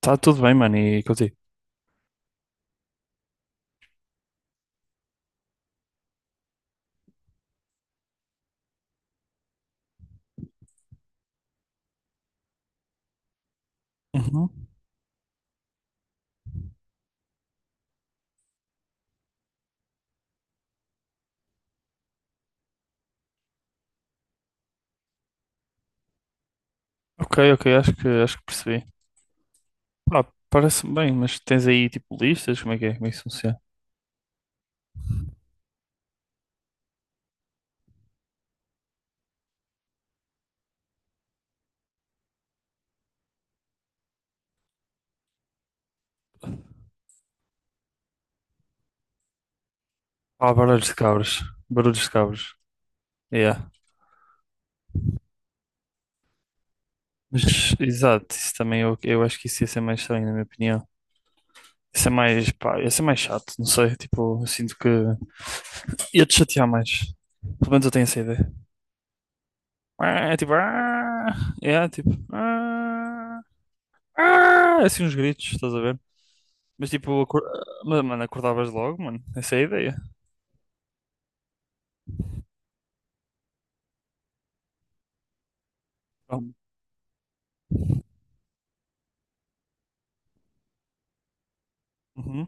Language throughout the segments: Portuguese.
Tá tudo bem, mano, e contigo? Uhum. Ok, ok, acho que percebi. Pá, parece-me bem, mas tens aí tipo listas? Como é que é? Como é que isso funciona? Ah, barulhos de cabras. Barulhos de cabras. Yeah. Mas, exato, isso também eu acho que isso ia ser mais estranho, na minha opinião. Isso é mais, pá, ia ser mais chato, não sei, tipo, eu sinto que. Ia-te chatear mais. Pelo menos eu tenho essa ideia. Ah, É tipo. ah, É tipo. ah, É assim uns gritos, estás a ver? Mas tipo, mas, mano, acordavas logo, mano. Essa é a ideia. Ah. Uhum.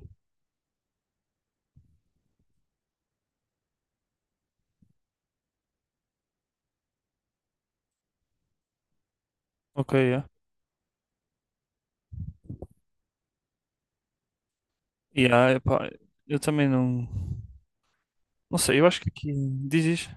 Ok, é. Yeah, epá, eu também não. Não sei, eu acho que aqui. Dizes.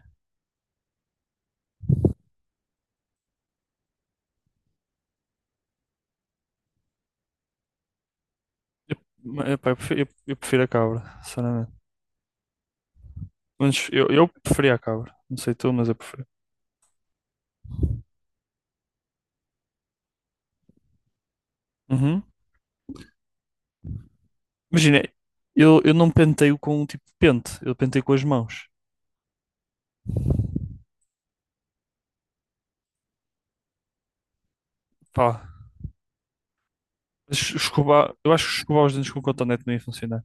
Eu, epá, eu prefiro a cabra, sinceramente. Mas eu preferia a cabra. Não sei tu, mas eu prefiro. Uhum. Imagina, eu não penteio com tipo pente, eu penteio com as mãos. Pá, mas escovar, eu acho que escovar os dentes com cotonete não ia funcionar.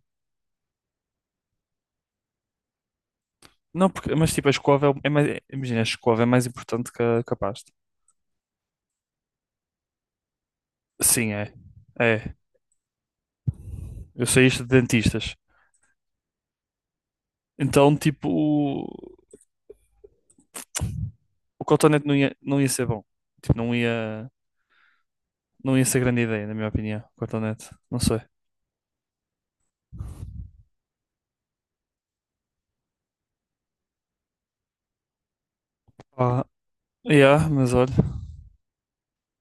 Não, porque, mas tipo, a escova é mais, imagina, a escova é mais importante que a pasta. Sim, é. É. Eu sei isto de dentistas. Então, tipo, o cotonete não ia ser bom. Tipo, não ia, não ia ser grande ideia, na minha opinião, o cotonete. Não sei. Ah, yeah, mas olha.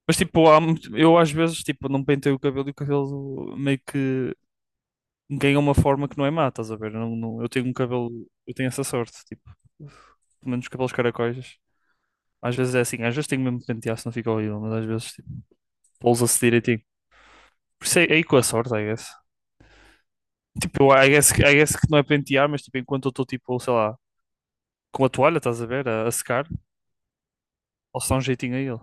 Mas tipo, eu às vezes, tipo, não penteio o cabelo e o cabelo meio que ganha uma forma que não é má, estás a ver? Eu, não- não- eu tenho um cabelo, eu tenho essa sorte, tipo, pelo menos cabelos caracóis. Às vezes é assim, às vezes tenho mesmo que pentear se não fica horrível, mas às vezes tipo, pousa-se direitinho. Por isso é aí com a sorte, I guess. Tipo, I guess, I guess que não é pentear, mas tipo, enquanto eu estou tipo, sei lá, com a toalha, estás a ver, a secar, posso dar um jeitinho a ele.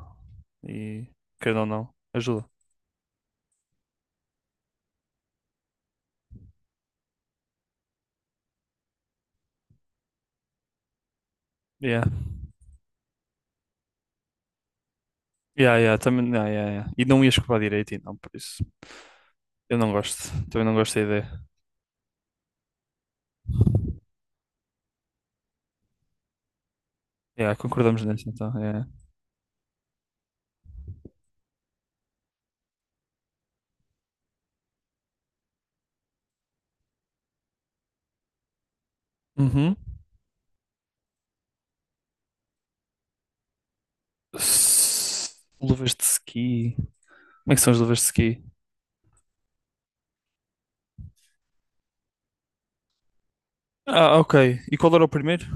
E, querendo ou não, ajuda. Yeah. Yeah, yeah, também, yeah, yeah, yeah. E não ia escovar direitinho, não, por isso. Eu não gosto, também não gosto da ideia. Yeah, concordamos nisso então. Yeah. S- Luvas de ski. Como é que são as luvas de ski? Ah, ok. E qual era o primeiro?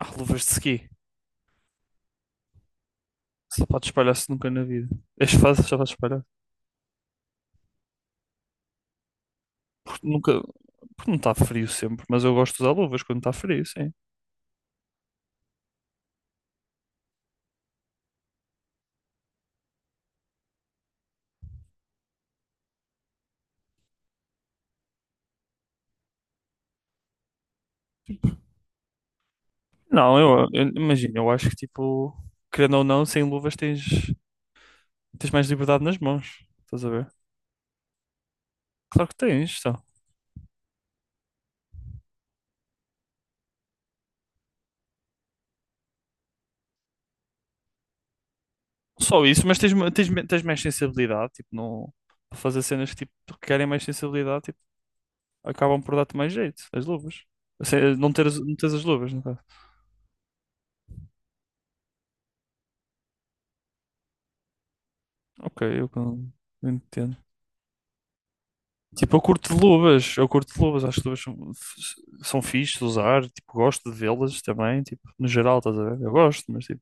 Ah, luvas de ski. Sapato de espalhaço nunca na vida. És fácil, sapato de espalhaço. Porque nunca. Porque não está frio sempre, mas eu gosto de usar luvas quando está frio, sim. Não, eu imagino, eu acho que tipo, querendo ou não, sem luvas tens mais liberdade nas mãos. Estás a ver? Claro que tens, então. Não só isso, mas tens, ma- tens, me- tens mais sensibilidade, tipo, não. Para fazer cenas que, tipo, que querem mais sensibilidade, tipo, acabam por dar-te mais jeito, as luvas. Assim, não teres as luvas, no caso. Ok, eu entendo. Tipo, eu curto de luvas, acho que luvas são, são fixe de usar, tipo, gosto de vê-las também, tipo, no geral, estás a ver? Eu gosto, mas tipo,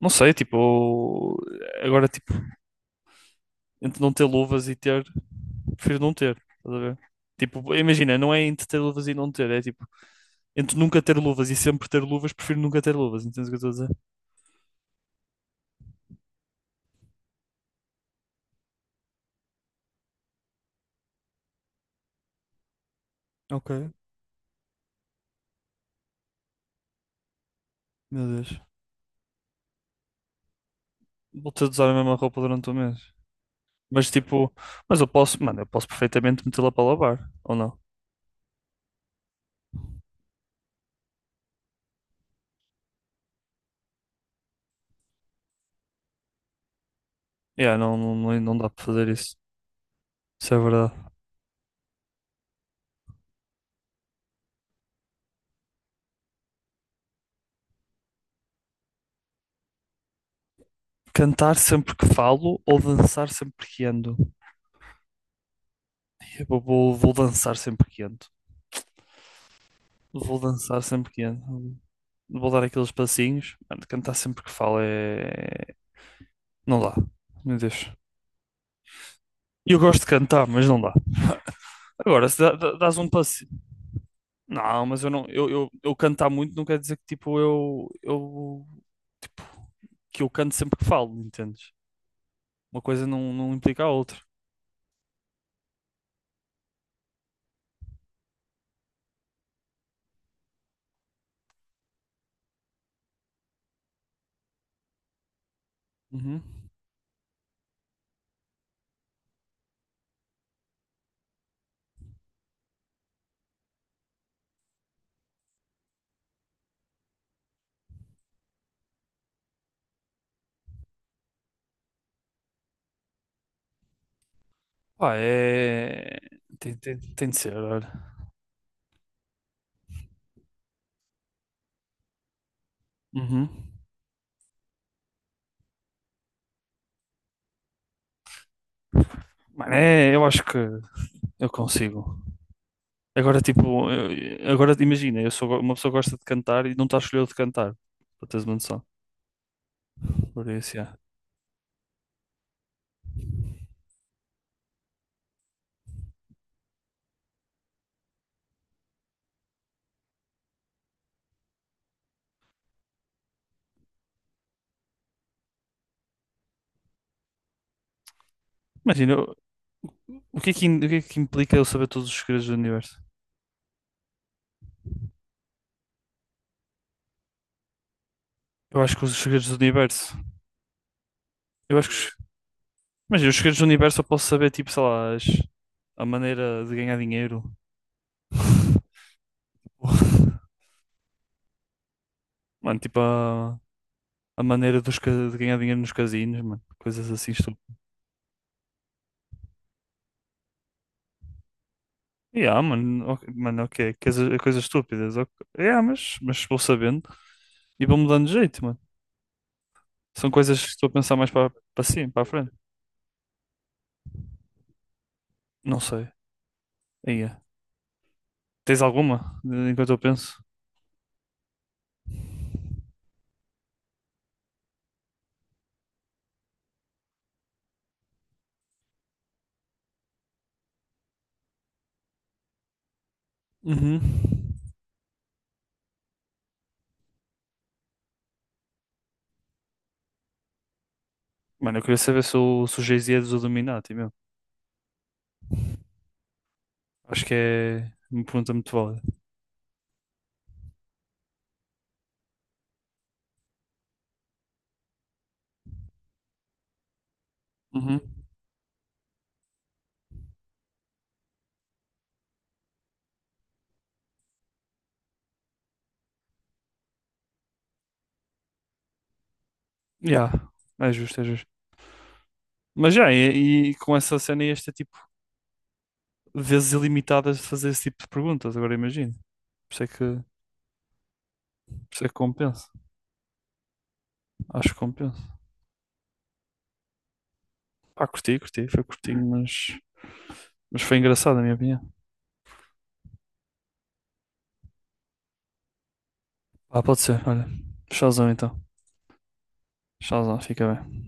não sei, tipo, agora, tipo, entre não ter luvas e ter, prefiro não ter, estás a ver? Tipo, imagina, não é entre ter luvas e não ter, é tipo, entre nunca ter luvas e sempre ter luvas, prefiro nunca ter luvas, entendes o que eu estou a dizer? Ok, meu Deus. Vou ter de usar a mesma roupa durante o mês. Mas tipo, mas eu posso perfeitamente metê-la para lavar, ou não? Yeah, não, não, não dá para fazer isso. Isso é verdade. Cantar sempre que falo ou dançar sempre que ando? Eu vou dançar sempre que ando. Vou dançar sempre que ando. Vou dar aqueles passinhos. Mano, cantar sempre que falo é. Não dá. Meu Deus. Eu gosto de cantar, mas não dá. Agora, se dás um passo. Não, mas eu não, eu cantar muito não quer dizer que tipo eu tipo, que eu canto sempre que falo, entendes? Uma coisa não implica a outra. Uhum. Pá, é. Tem de ser, olha. Uhum. Mano, é, eu acho que eu consigo. Agora, tipo, agora imagina, eu sou uma pessoa que gosta de cantar e não está a escolher de cantar, para teres uma noção. Por isso, yeah. Imagina, o que é que, o que é que implica eu saber todos os segredos do universo? Eu acho que os segredos do universo. Eu acho que os Mas eu, os segredos do universo, eu posso saber, tipo, sei lá, a maneira de ganhar dinheiro. Mano, tipo, a, a maneira de ganhar dinheiro nos casinos, mano. Coisas assim estúpidas. Yeah, mano, ok, mano, ok. Coisas estúpidas. Ok. Yeah, mas vou sabendo e vou mudando de jeito, mano. São coisas que estou a pensar mais para para cima, para a frente. Não sei. Aí é. Tens alguma enquanto eu penso? Uhum. Mano, eu queria saber se o Jay-Z é dos Illuminati mesmo. Acho que é uma pergunta muito válida. Uhum. Yeah. É justo, é justo. Mas já, e com essa cena ias ter tipo vezes ilimitadas de fazer esse tipo de perguntas, agora imagino. Por isso é que, por isso é que compensa. Acho que compensa. Pá, curti, curti, foi curtinho, mas foi engraçado, na minha opinião. Ah, pode ser, olha. Chauzão então. Chauzão, fica bem.